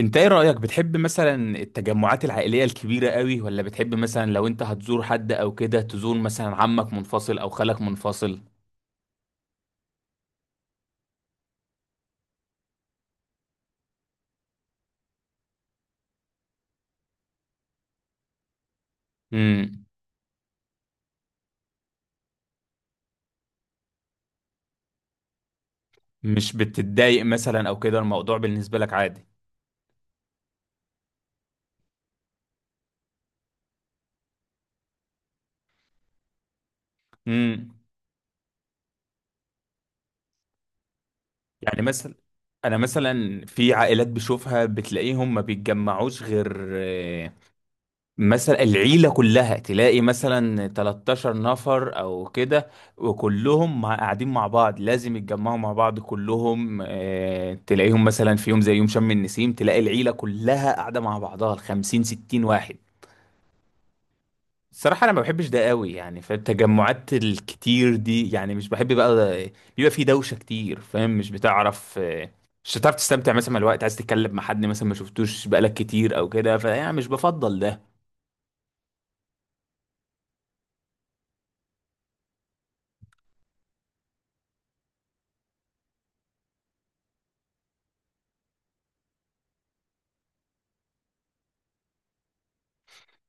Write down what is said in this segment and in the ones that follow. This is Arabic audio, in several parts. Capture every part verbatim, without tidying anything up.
انت ايه رأيك، بتحب مثلا التجمعات العائلية الكبيرة قوي، ولا بتحب مثلا لو انت هتزور حد او كده تزور مثلا عمك منفصل او خالك منفصل؟ امم. مش بتتضايق مثلا او كده، الموضوع بالنسبة لك عادي؟ امم. يعني مثلا، انا مثلا في عائلات بشوفها بتلاقيهم ما بيتجمعوش غير مثلا العيلة كلها، تلاقي مثلا تلتاشر نفر او كده، وكلهم مع- قاعدين مع بعض، لازم يتجمعوا مع بعض كلهم. آه، تلاقيهم مثلا في يوم زي يوم شم النسيم تلاقي العيلة كلها قاعدة مع بعضها ال خمسين ستين واحد. الصراحة انا ما بحبش ده قوي، يعني فالتجمعات الكتير دي يعني مش بحب بقى. بيبقى في دوشة كتير، فاهم؟ مش بتعرف. آه، مش هتعرف تستمتع، مثلا مع الوقت عايز تتكلم مع حد مثلا ما شفتوش بقالك كتير او كده، فيعني مش بفضل ده.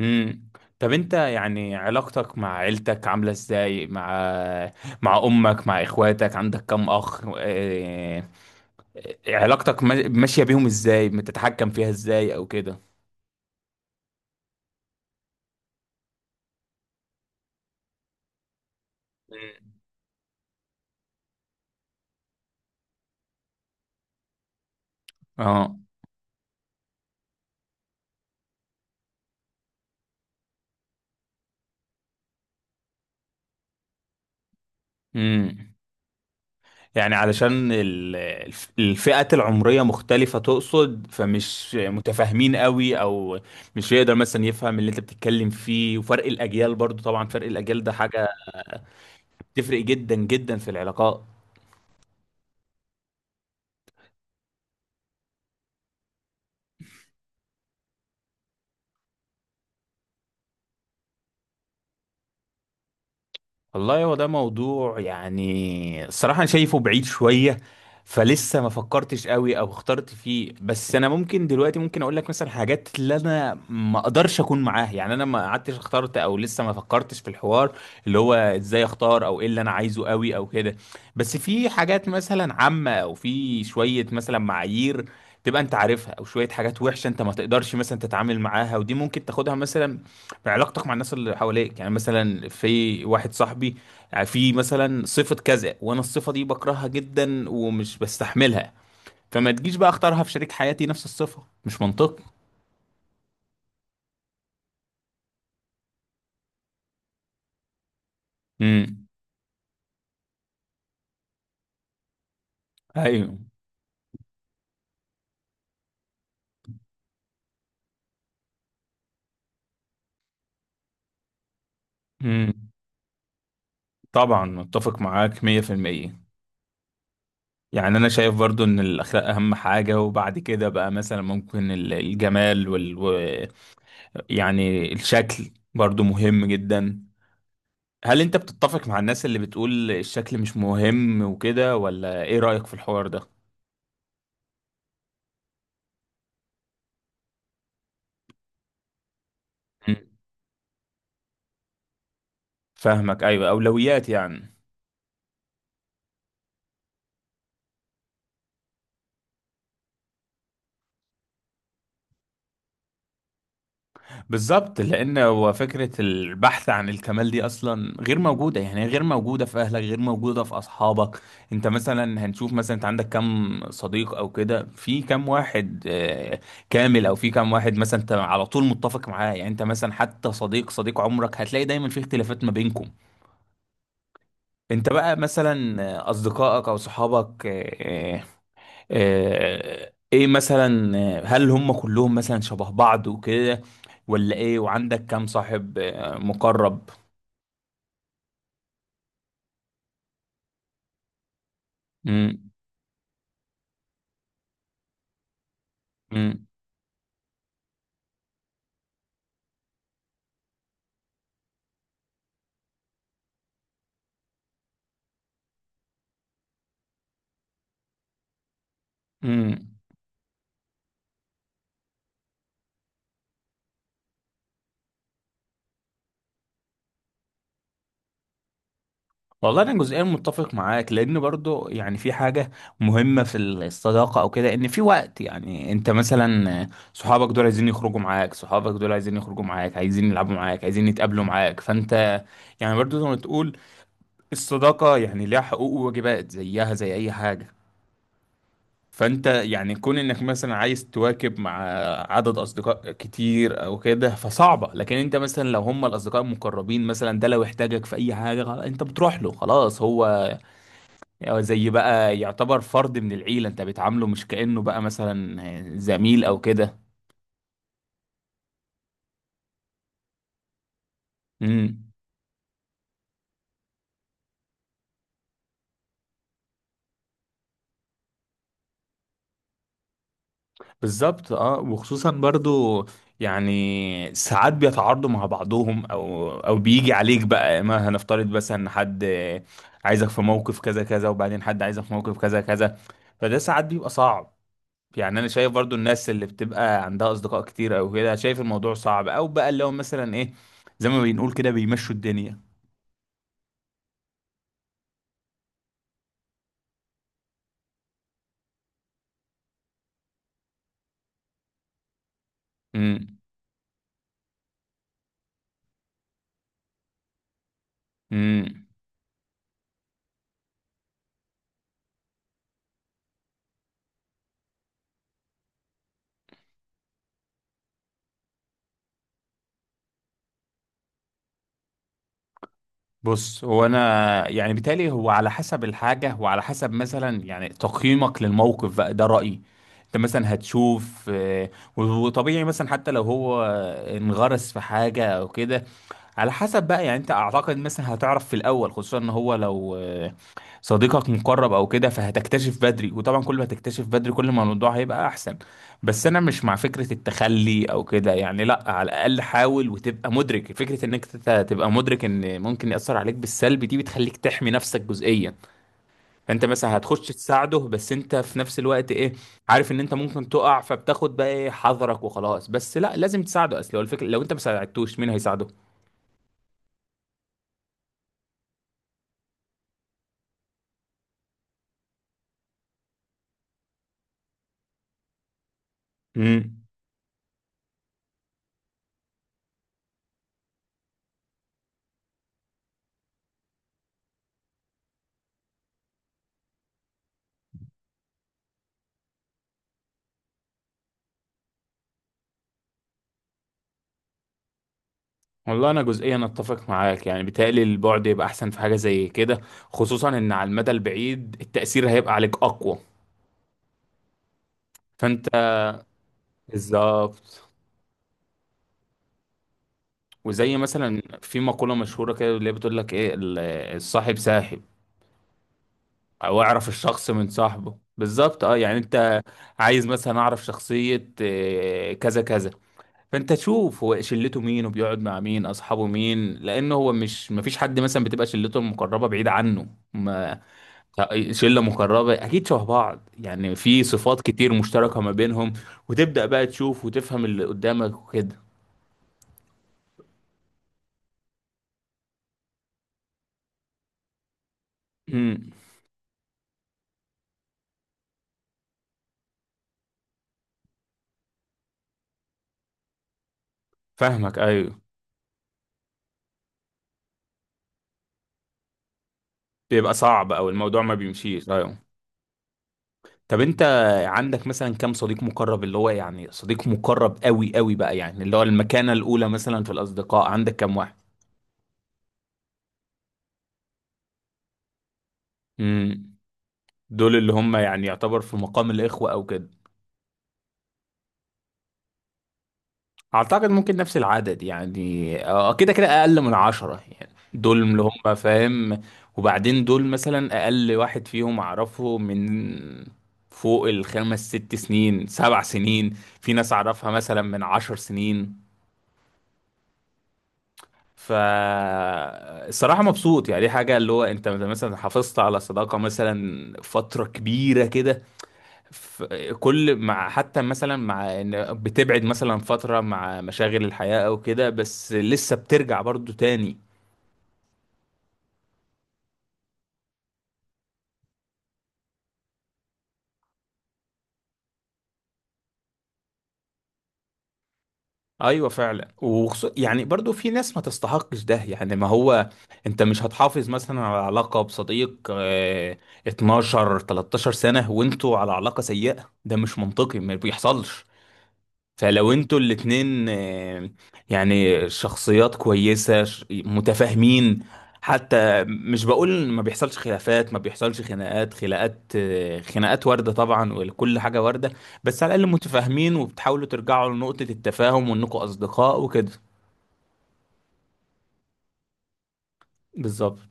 امم. طب انت يعني علاقتك مع عيلتك عاملة ازاي؟ مع مع امك، مع اخواتك، عندك كم اخ؟ اه... آه، علاقتك ما- ماشية بيهم ازاي؟ بتتحكم فيها ازاي او كده؟ مم. اه. امم. يعني علشان ال- الف- الفئات العمرية مختلفة تقصد، فمش متفاهمين قوي، او مش يقدر مثلا يفهم اللي انت بتتكلم فيه، وفرق الاجيال برضو، طبعا فرق الاجيال ده حاجة بتفرق جدا جدا في العلاقات. والله هو ده موضوع يعني الصراحة أنا شايفه بعيد شوية، فلسه ما فكرتش قوي أو اخترت فيه. بس أنا ممكن دلوقتي ممكن أقول لك مثلا حاجات اللي أنا ما أقدرش أكون معاها، يعني أنا ما قعدتش اخترت أو لسه ما فكرتش في الحوار اللي هو إزاي أختار أو إيه اللي أنا عايزه قوي أو كده. بس في حاجات مثلا عامة، أو في شوية مثلا معايير تبقى انت عارفها، او شويه حاجات وحشه انت ما تقدرش مثلا تتعامل معاها، ودي ممكن تاخدها مثلا في علاقتك مع الناس اللي حواليك. يعني مثلا في واحد صاحبي، يعني في مثلا صفة كذا، وانا الصفة دي بكرهها جدا ومش بستحملها، فما تجيش بقى اختارها في شريك حياتي نفس الصفة، مش منطقي. امم. ايوه. امم. طبعا متفق معاك مية في المية. يعني انا شايف برضو ان الاخلاق اهم حاجة، وبعد كده بقى مثلا ممكن ال- الجمال وال و- يعني الشكل برضو مهم جدا. هل انت بتتفق مع الناس اللي بتقول الشكل مش مهم وكده، ولا ايه رأيك في الحوار ده؟ مم. فاهمك، ايوه، اولويات يعني. بالظبط، لان هو فكرة البحث عن الكمال دي اصلا غير موجودة، يعني غير موجودة في اهلك، غير موجودة في اصحابك. انت مثلا هنشوف مثلا، انت عندك كم صديق او كده؟ في كم واحد آه، كامل؟ او في كم واحد مثلا انت على طول متفق معاه؟ يعني انت مثلا حتى صديق صديق عمرك هتلاقي دايما في اختلافات ما بينكم. انت بقى مثلا اصدقائك او صحابك، آه، آه، ايه مثلا، آه، هل هم كلهم مثلا شبه بعض وكده، ولا ايه؟ وعندك كام صاحب آه، مقرب؟ امم. امم. امم. والله انا جزئيا متفق معاك، لان برضو يعني في حاجه مهمه في الصداقه او كده، ان في وقت يعني انت مثلا، آه، صحابك دول عايزين يخرجوا معاك صحابك دول عايزين يخرجوا معاك عايزين يلعبوا معاك، عايزين يتقابلوا معاك، فانت يعني برضو زي ما تقول الصداقة يعني ليها حقوق وواجبات، زيها زي أي حاجة. فأنت يعني كون إنك مثلا عايز تواكب مع عدد أصدقاء كتير أو كده فصعبة، لكن أنت مثلا لو هم الأصدقاء المقربين مثلا، ده لو احتاجك في أي حاجة خلاص أنت بتروح له. خلاص هو زي بقى يعتبر فرد من العيلة، أنت بتعامله مش كأنه بقى مثلا زميل أو كده. امم. بالظبط. اه، وخصوصا برضو يعني ساعات بيتعارضوا مع بعضهم، او او بيجي عليك بقى، ما هنفترض بس ان حد عايزك في موقف كذا كذا، وبعدين حد عايزك في موقف كذا كذا، فده ساعات بيبقى صعب. يعني انا شايف برضو الناس اللي بتبقى عندها اصدقاء كتير او كده، شايف الموضوع صعب، او بقى اللي هو مثلا ايه زي ما بنقول كده بيمشوا الدنيا. امم. إمم. بص هو انا يعني بالتالي هو على حسب الحاجه، وعلى حسب مثلا يعني تقييمك للموقف بقى ده رايي. انت مثلا هتشوف، آه، وطبيعي مثلا حتى لو هو انغرس في حاجه او كده، على حسب بقى. يعني انت اعتقد مثلا هتعرف في الاول، خصوصا ان هو لو آه، صديقك مقرب او كده فهتكتشف بدري، وطبعا كل ما تكتشف بدري كل ما الموضوع هيبقى احسن. بس انا مش مع فكرة التخلي او كده، يعني لا، على الاقل حاول وتبقى مدرك فكرة انك تت- تبقى مدرك ان ممكن يأثر عليك بالسلب، دي بتخليك تحمي نفسك جزئيا. فانت مثلا هتخش تساعده، بس انت في نفس الوقت ايه عارف ان انت ممكن تقع، فبتاخد بقى ايه حذرك وخلاص. بس لا، لازم تساعده، اصل هو الفكرة لو انت ما ساعدتوش مين هيساعده. امم. والله انا جزئيا اتفق معاك، يعني بيتهيألي البعد يبقى احسن في حاجه زي كده، خصوصا ان على المدى البعيد التاثير هيبقى عليك اقوى. فانت بالظبط. وزي مثلا في مقوله مشهوره كده اللي هي بتقول لك ايه ال- الصاحب ساحب، او اعرف الشخص من صاحبه. بالظبط اه، يعني انت عايز مثلا اعرف شخصيه آه، كذا كذا، فانت تشوف هو شلته مين، وبيقعد مع مين، اصحابه مين، لانه هو مش مفيش حد مثلا بتبقى شلته المقربه بعيد عنه. ما شله مقربه اكيد شبه بعض، يعني في صفات كتير مشتركه ما بينهم، وتبدا بقى تشوف وتفهم اللي قدامك وكده. امم. فاهمك ايوه. بيبقى صعب او الموضوع ما بيمشيش، ايوه. طب انت عندك مثلا كام صديق مقرب، اللي هو يعني صديق مقرب قوي قوي بقى، يعني اللي هو المكانه الاولى مثلا في الاصدقاء عندك كام واحد؟ امم. دول اللي هم يعني يعتبر في مقام الاخوه او كده. اعتقد ممكن نفس العدد، يعني آه، كده كده اقل من عشرة يعني، دول اللي هم فاهم. وبعدين دول مثلا اقل واحد فيهم اعرفه من فوق الخمس ست سنين، سبع سنين. في ناس اعرفها مثلا من عشر سنين. ف الصراحة مبسوط، يعني دي حاجة اللي هو انت مثلا حافظت على صداقة مثلا فترة كبيرة كده، ف- كل مع حتى مثلا مع ان بتبعد مثلا فترة مع مشاغل الحياة او كده، بس لسه بترجع برضو تاني. ايوه فعلا، وخصو... يعني برضو في ناس ما تستحقش ده، يعني ما هو انت مش هتحافظ مثلا على علاقة بصديق آه، اتناشر تلتاشر سنة وانتوا على علاقة سيئة، ده مش منطقي، ما بيحصلش. فلو انتوا الاتنين، آه، يعني شخصيات كويسة ش- متفاهمين، حتى مش بقول ما بيحصلش خلافات، ما بيحصلش خناقات. خناقات آه، خناقات واردة طبعا، وكل حاجة واردة. بس على الأقل متفاهمين، وبتحاولوا ترجعوا لنقطة التفاهم وانكم أصدقاء وكده. بالظبط.